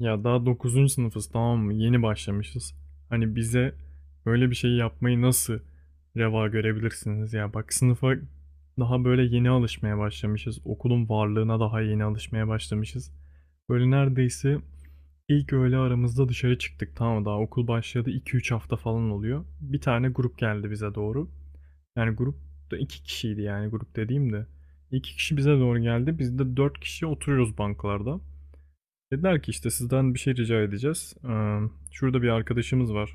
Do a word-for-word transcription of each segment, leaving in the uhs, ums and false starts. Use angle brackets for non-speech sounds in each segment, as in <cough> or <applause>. Ya daha dokuzuncu sınıfız tamam mı? Yeni başlamışız. Hani bize böyle bir şey yapmayı nasıl reva görebilirsiniz ya? Bak sınıfa daha böyle yeni alışmaya başlamışız. Okulun varlığına daha yeni alışmaya başlamışız. Böyle neredeyse ilk öğle aramızda dışarı çıktık tamam mı? Daha okul başladı iki üç hafta falan oluyor. Bir tane grup geldi bize doğru. Yani grupta iki kişiydi yani grup dediğim de. İki kişi bize doğru geldi. Biz de dört kişi oturuyoruz bankalarda. Dediler ki işte sizden bir şey rica edeceğiz. Ee, şurada bir arkadaşımız var.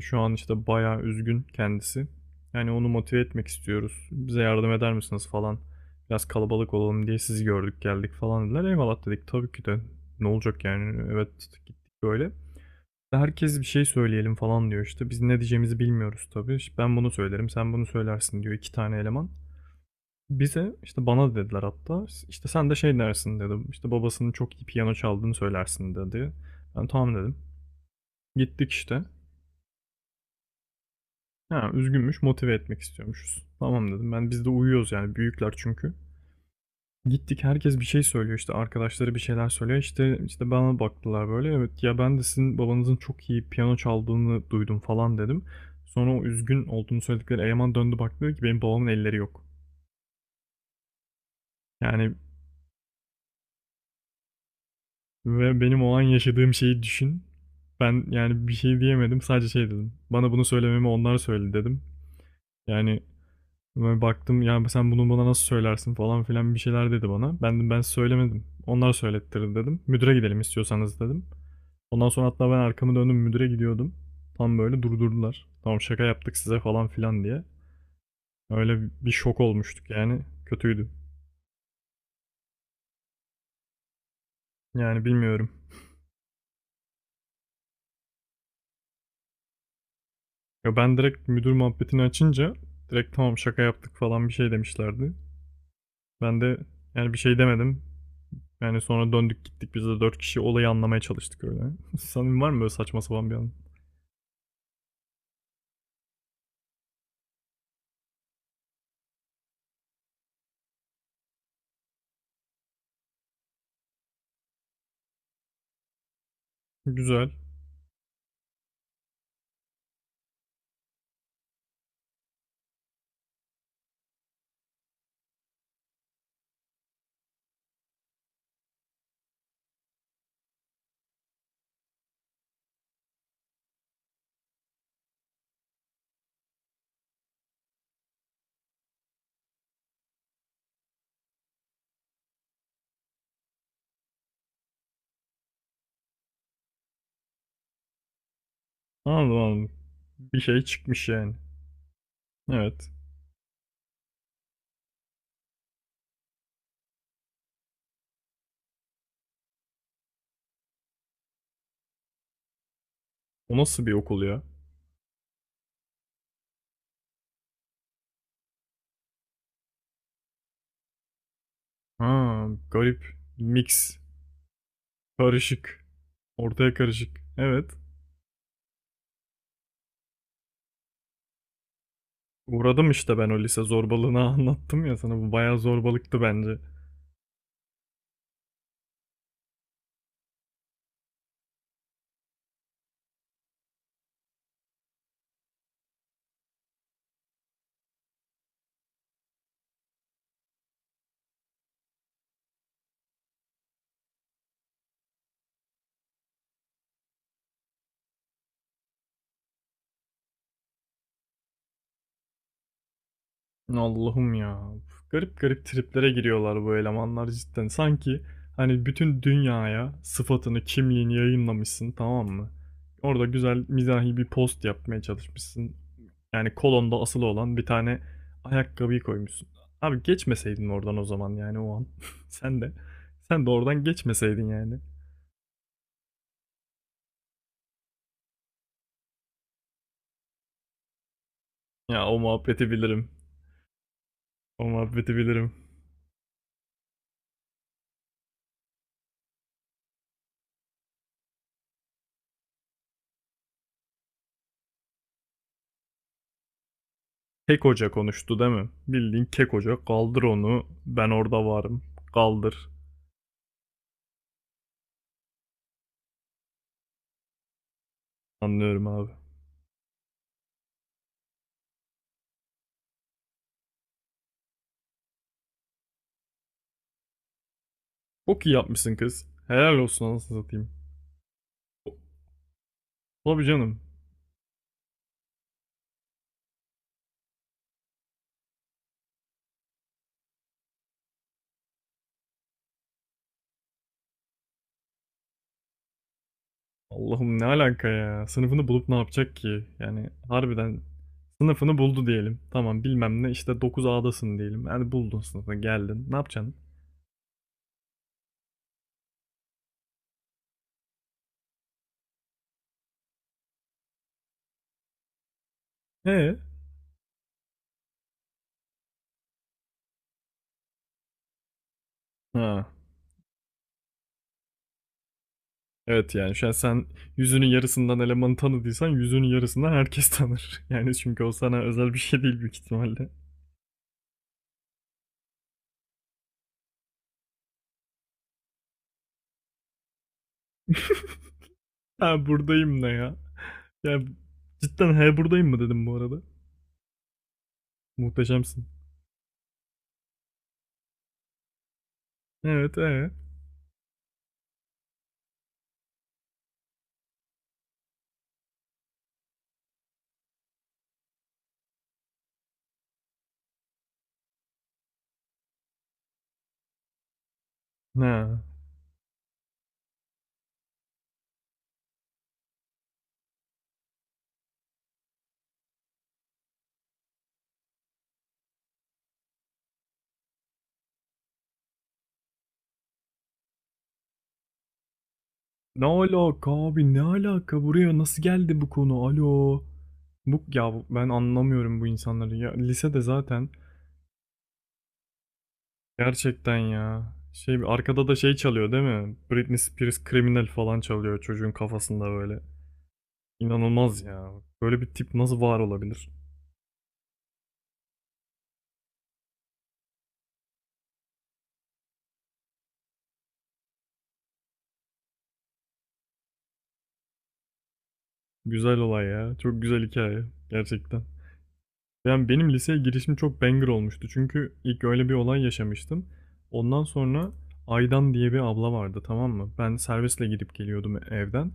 Şu an işte bayağı üzgün kendisi. Yani onu motive etmek istiyoruz. Bize yardım eder misiniz falan. Biraz kalabalık olalım diye sizi gördük geldik falan dediler. Eyvallah dedik tabii ki de. Ne olacak yani evet gittik böyle. Herkes bir şey söyleyelim falan diyor işte. Biz ne diyeceğimizi bilmiyoruz tabii. İşte ben bunu söylerim sen bunu söylersin diyor iki tane eleman. Bize, işte bana dediler hatta, işte, "Sen de şey dersin" dedim işte, "Babasının çok iyi piyano çaldığını söylersin" dedi. Ben "Tamam" dedim. Gittik işte. Ha, üzgünmüş, motive etmek istiyormuşuz. "Tamam" dedim. Ben biz de uyuyoruz yani büyükler çünkü. Gittik herkes bir şey söylüyor, işte, arkadaşları bir şeyler söylüyor. İşte işte bana baktılar böyle, "Evet, ya ben de sizin babanızın çok iyi piyano çaldığını duydum" falan dedim. Sonra o üzgün olduğunu söyledikleri eleman döndü baktı ki, "Benim babamın elleri yok." Yani ve benim o an yaşadığım şeyi düşün. Ben yani bir şey diyemedim. Sadece şey dedim. Bana bunu söylememi onlar söyledi dedim. Yani ben baktım ya sen bunu bana nasıl söylersin falan filan bir şeyler dedi bana. Ben de ben söylemedim. Onlar söylettirdi dedim. Müdüre gidelim istiyorsanız dedim. Ondan sonra hatta ben arkamı döndüm müdüre gidiyordum. Tam böyle durdurdular. Tamam şaka yaptık size falan filan diye. Öyle bir şok olmuştuk yani. Kötüydü. Yani bilmiyorum. Ya ben direkt müdür muhabbetini açınca direkt tamam şaka yaptık falan bir şey demişlerdi. Ben de yani bir şey demedim. Yani sonra döndük gittik biz de dört kişi olayı anlamaya çalıştık öyle. <laughs> Sanırım var mı böyle saçma sapan bir an? Güzel. Anladım, anladım. Bir şey çıkmış yani. Evet. O nasıl bir okul ya? Ha, garip. Mix. Karışık. Ortaya karışık. Evet. Uğradım işte ben o lise zorbalığına <laughs> anlattım ya sana. Bu bayağı zorbalıktı bence. Allah'ım ya. Garip garip triplere giriyorlar bu elemanlar cidden. Sanki hani bütün dünyaya sıfatını, kimliğini yayınlamışsın tamam mı? Orada güzel mizahi bir post yapmaya çalışmışsın. Yani kolonda asılı olan bir tane ayakkabıyı koymuşsun. Abi geçmeseydin oradan o zaman yani o an. <laughs> Sen de. Sen de oradan geçmeseydin yani. Ya o muhabbeti bilirim. O muhabbeti bilirim. Kek Hoca konuştu değil mi? Bildiğin Kek Hoca kaldır onu ben orada varım. Kaldır. Anlıyorum abi. Çok iyi yapmışsın kız. Helal olsun anasını satayım. Tabii canım. Allah'ım ne alaka ya. Sınıfını bulup ne yapacak ki? Yani harbiden sınıfını buldu diyelim. Tamam bilmem ne işte dokuz adasın diyelim. Yani buldun sınıfını geldin. Ne yapacaksın? Ee? Ha. Evet yani şu an sen yüzünün yarısından elemanı tanıdıysan yüzünün yarısından herkes tanır. <laughs> Yani çünkü o sana özel bir şey değil büyük ihtimalle. Ha buradayım ne ya? Ya cidden he buradayım mı dedim bu arada. Muhteşemsin. Evet ee? Ne? Ne alaka abi ne alaka buraya nasıl geldi bu konu alo. Bu, ya bu- ben anlamıyorum bu insanları ya lisede zaten gerçekten ya şey arkada da şey çalıyor değil mi? Britney Spears Criminal falan çalıyor çocuğun kafasında böyle. İnanılmaz ya. Böyle bir tip nasıl var olabilir? Güzel olay ya. Çok güzel hikaye gerçekten. Yani benim liseye girişim çok banger olmuştu. Çünkü ilk öyle bir olay yaşamıştım. Ondan sonra Aydan diye bir abla vardı tamam mı? Ben servisle gidip geliyordum evden.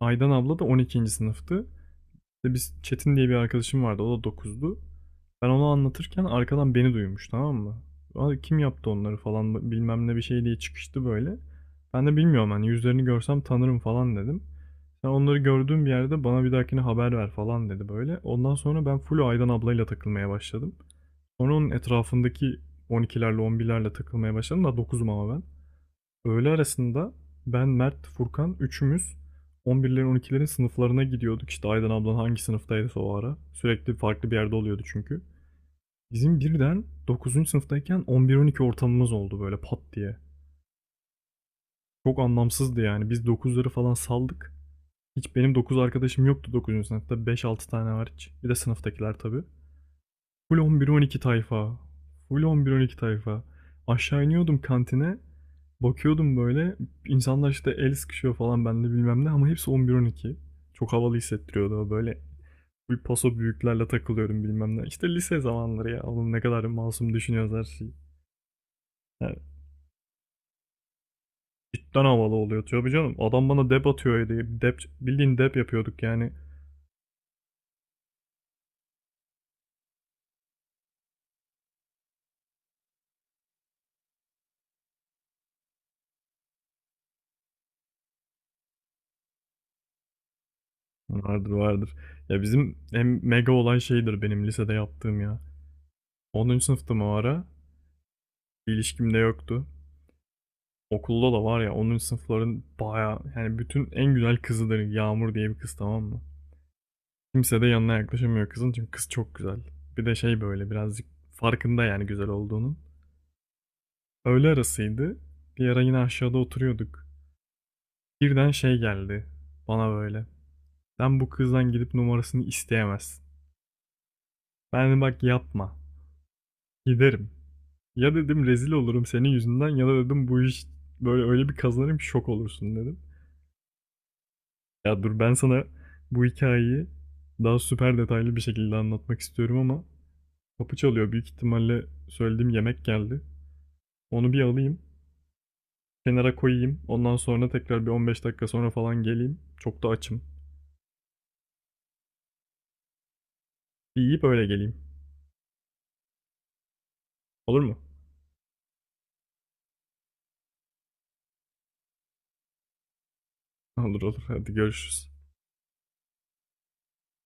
Aydan abla da on ikinci sınıftı. İşte biz Çetin diye bir arkadaşım vardı. O da dokuzdu. Ben onu anlatırken arkadan beni duymuş tamam mı? Abi kim yaptı onları falan bilmem ne bir şey diye çıkıştı böyle. Ben de bilmiyorum hani yüzlerini görsem tanırım falan dedim. Sen onları gördüğüm bir yerde bana bir dahakine haber ver falan dedi böyle. Ondan sonra ben full Aydan ablayla takılmaya başladım. Sonra onun etrafındaki on ikilerle on birlerle takılmaya başladım. Da dokuzum ama ben. Öğle arasında ben, Mert, Furkan üçümüz on birlerin on ikilerin sınıflarına gidiyorduk. İşte Aydan ablan hangi sınıftaydı o ara. Sürekli farklı bir yerde oluyordu çünkü. Bizim birden dokuzuncu sınıftayken on bir on iki ortamımız oldu böyle pat diye. Çok anlamsızdı yani. Biz dokuzları falan saldık. Hiç benim dokuz arkadaşım yoktu dokuzuncu sınıfta. Beş altı tane hariç. Bir de sınıftakiler tabii. Full on bir on iki tayfa. Full on bir on iki tayfa. Aşağı iniyordum kantine. Bakıyordum böyle. İnsanlar işte el sıkışıyor falan bende bilmem ne ama hepsi on bir on iki. Çok havalı hissettiriyordu o böyle. Full paso büyüklerle takılıyorum bilmem ne. İşte lise zamanları ya. Oğlum ne kadar masum düşünüyoruz her şeyi. Yani cidden havalı oluyor tabii canım. Adam bana dep atıyor diye. Dep, bildiğin dep yapıyorduk yani. Vardır vardır. Ya bizim en mega olan şeydir benim lisede yaptığım ya. Onuncu sınıftım o ara. Bir ilişkim de yoktu. Okulda da var ya onuncu sınıfların baya yani bütün en güzel kızıdır Yağmur diye bir kız tamam mı? Kimse de yanına yaklaşamıyor kızın çünkü kız çok güzel. Bir de şey böyle birazcık farkında yani güzel olduğunun. Öğle arasıydı. Bir ara yine aşağıda oturuyorduk. Birden şey geldi bana böyle. Sen bu kızdan gidip numarasını isteyemezsin. Ben dedim bak yapma. Giderim. Ya dedim rezil olurum senin yüzünden ya da dedim bu iş böyle öyle bir kazanırım şok olursun dedim. Ya dur ben sana bu hikayeyi daha süper detaylı bir şekilde anlatmak istiyorum ama kapı çalıyor. Büyük ihtimalle söylediğim yemek geldi. Onu bir alayım, kenara koyayım. Ondan sonra tekrar bir on beş dakika sonra falan geleyim. Çok da açım. Bir yiyip öyle geleyim. Olur mu? <laughs> Olur olur. Hadi görüşürüz.